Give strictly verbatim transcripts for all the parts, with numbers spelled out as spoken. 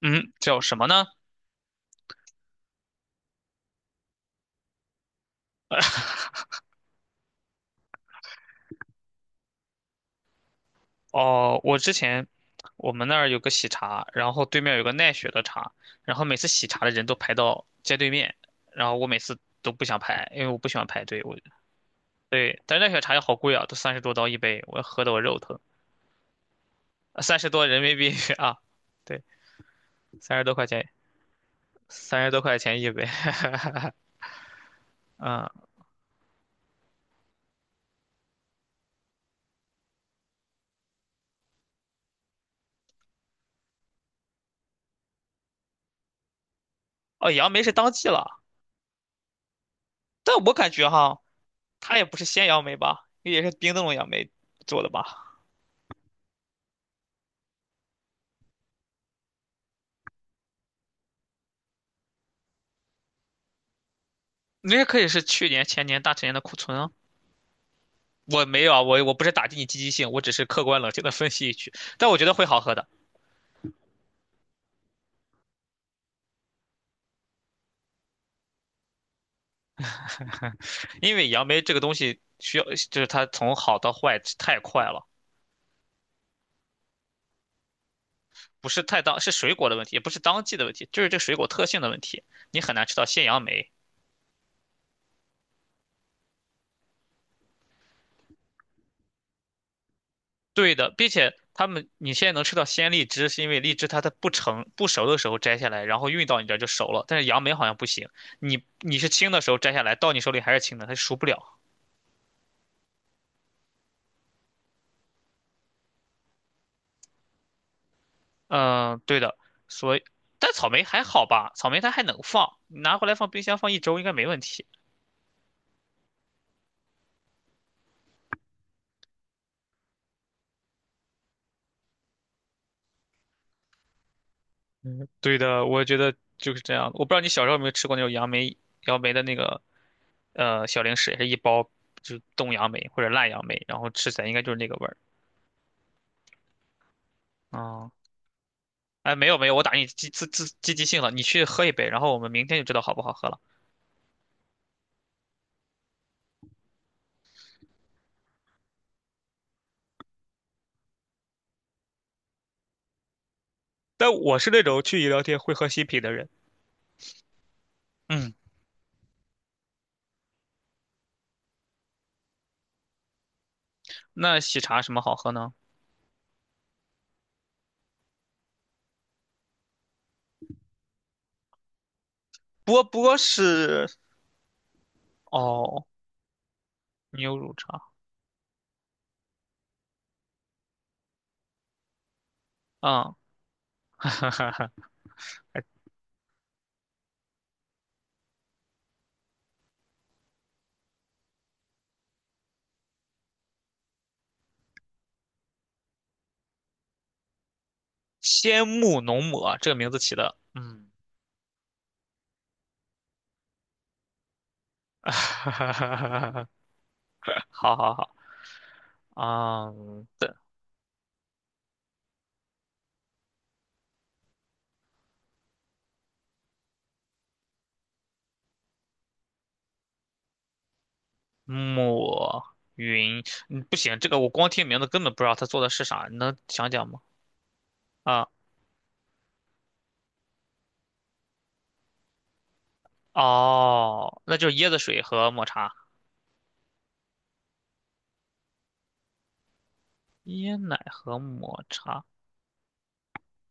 嗯，叫什么呢？哦，我之前我们那儿有个喜茶，然后对面有个奈雪的茶，然后每次喜茶的人都排到街对面，然后我每次都不想排，因为我不喜欢排队。我对，但是奈雪茶也好贵啊，都三十多刀一杯，我喝的我肉疼。三十多人民币 啊，对，三十多块钱，三十多块钱一杯。嗯，哦，杨梅是当季了，但我感觉哈，它也不是鲜杨梅吧，也是冰冻的杨梅做的吧？那也可以是去年前年大前年的库存啊。我没有啊，我我不是打击你积极性，我只是客观冷静的分析一句，但我觉得会好喝的，因为杨梅这个东西需要，就是它从好到坏太快了，不是太当，是水果的问题，也不是当季的问题，就是这水果特性的问题，你很难吃到鲜杨梅。对的，并且他们你现在能吃到鲜荔枝，是因为荔枝它在不成不熟的时候摘下来，然后运到你这儿就熟了，但是杨梅好像不行，你你是青的时候摘下来，到你手里还是青的，它熟不了。嗯，对的，所以但草莓还好吧，草莓它还能放，你拿回来放冰箱放一周应该没问题。嗯，对的，我觉得就是这样。我不知道你小时候有没有吃过那种杨梅杨梅的那个呃小零食，也是一包就是冻杨梅或者烂杨梅，然后吃起来应该就是那个味儿。啊、哎，没有没有，我打你积自自积极性了，你去喝一杯，然后我们明天就知道好不好喝了。但我是那种去饮料店会喝新品的人。嗯，那喜茶什么好喝呢？波波是哦，牛乳茶。嗯，哈哈哈，哈仙木浓抹这个名字起的，嗯，哈哈哈哈哈，好好好，啊、的抹云，嗯，不行，这个我光听名字根本不知道他做的是啥，你能讲讲吗？啊，哦，那就是椰子水和抹茶，椰奶和抹茶，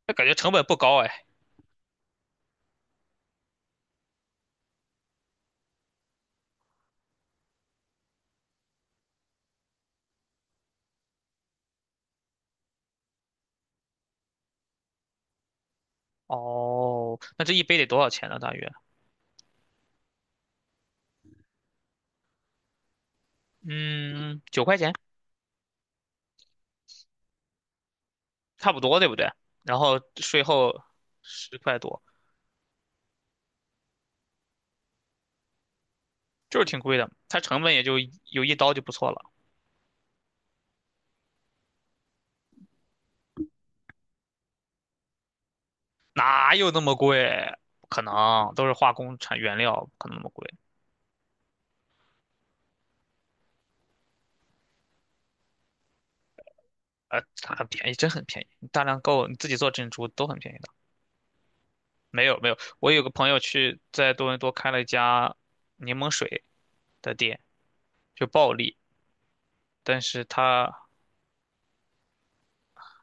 那感觉成本不高哎。哦，那这一杯得多少钱呢？大约，嗯，九块钱，差不多，对不对？然后税后十块多。就是挺贵的，它成本也就有一刀就不错了，哪有那么贵？不可能，都是化工产原料，不可能那么贵。呃，它很便宜，真很便宜，你大量购，你自己做珍珠都很便宜的。没有没有，我有个朋友去在多伦多开了一家柠檬水的店，就暴利，但是他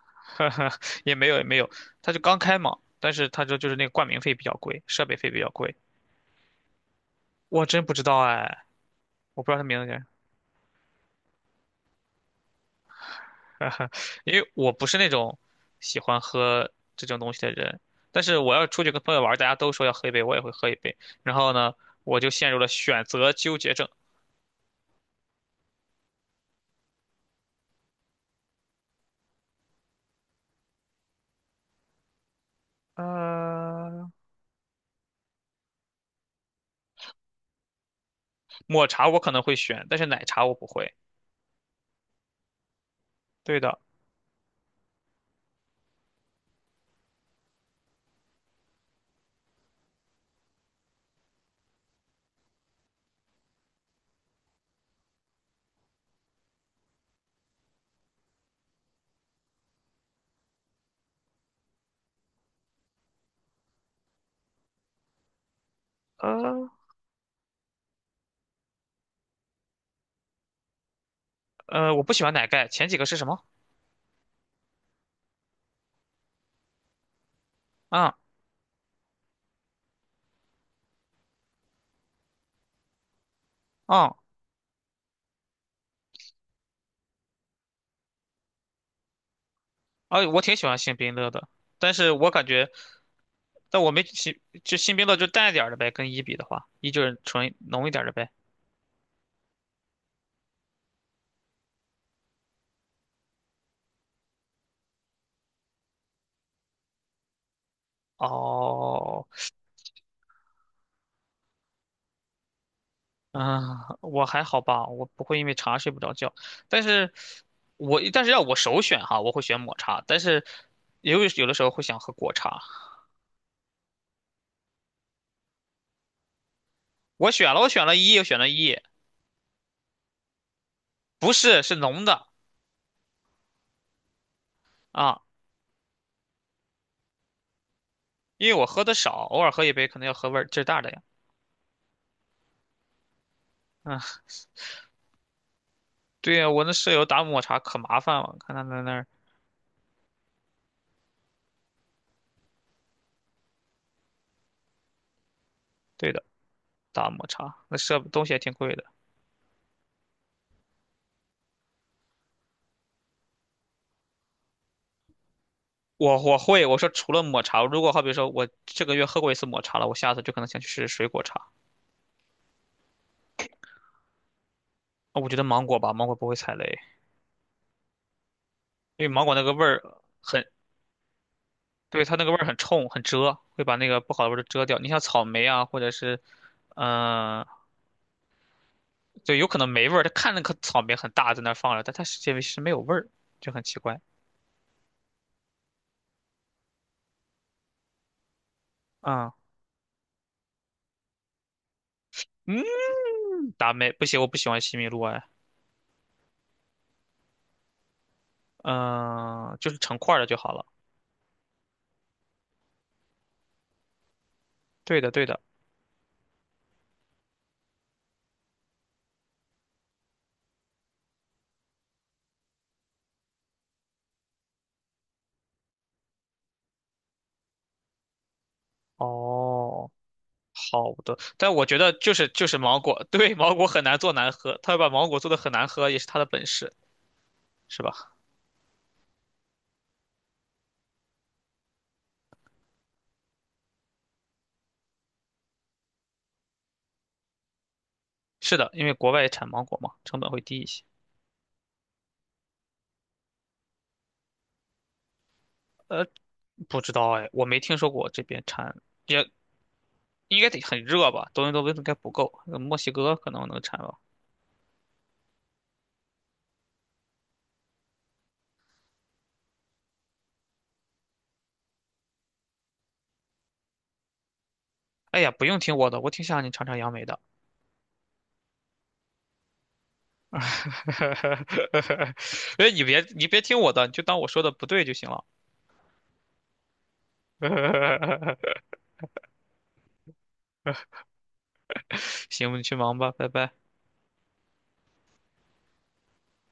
呵呵也没有也没有，他就刚开嘛，但是他说就是那个冠名费比较贵，设备费比较贵。我真不知道哎，我不知道他名字叫。哈哈，因为我不是那种喜欢喝这种东西的人，但是我要出去跟朋友玩儿，大家都说要喝一杯，我也会喝一杯。然后呢，我就陷入了选择纠结症。呃，抹茶我可能会选，但是奶茶我不会。对的，呃呃，我不喜欢奶盖。前几个是什么？啊啊啊！我挺喜欢星冰乐的，但是我感觉，但我没星就星冰乐就淡一点儿的呗，跟一比的话，一就是纯浓一点儿的呗。哦，啊，我还好吧，我不会因为茶睡不着觉，但是我但是要我首选哈，我会选抹茶，但是也有有的时候会想喝果茶。我选了，我选了一，我选了一，不是是浓的啊，因为我喝的少，偶尔喝一杯可能要喝味儿劲儿大的呀。嗯，对呀，我那舍友打抹茶可麻烦了，看他在那儿，对的，打抹茶那设备东西也挺贵的。我我会，我说除了抹茶，如果好比说我这个月喝过一次抹茶了，我下次就可能想去试试水果茶。啊我觉得芒果吧，芒果不会踩雷。因为芒果那个味儿很，对，它那个味儿很冲，很遮，会把那个不好的味儿都遮掉。你像草莓啊，或者是，嗯、对，有可能没味儿。它看那颗草莓很大，在那儿放着，但它实际是没有味儿，就很奇怪。啊、嗯，达美不行，我不喜欢西米露哎。嗯、就是成块儿的就好了。对的，对的。哦，好的。但我觉得就是就是芒果，对，芒果很难做难喝，它把芒果做的很难喝也是他的本事，是吧？是的，因为国外产芒果嘛，成本会低一些。呃，不知道哎，我没听说过这边产，也应该得很热吧？多伦多温度应该不够，呃墨西哥可能能产吧。哎呀，不用听我的，我挺想让你尝尝杨梅的。哎，你别你别听我的，你就当我说的不对就行了。行，你去忙吧，拜拜。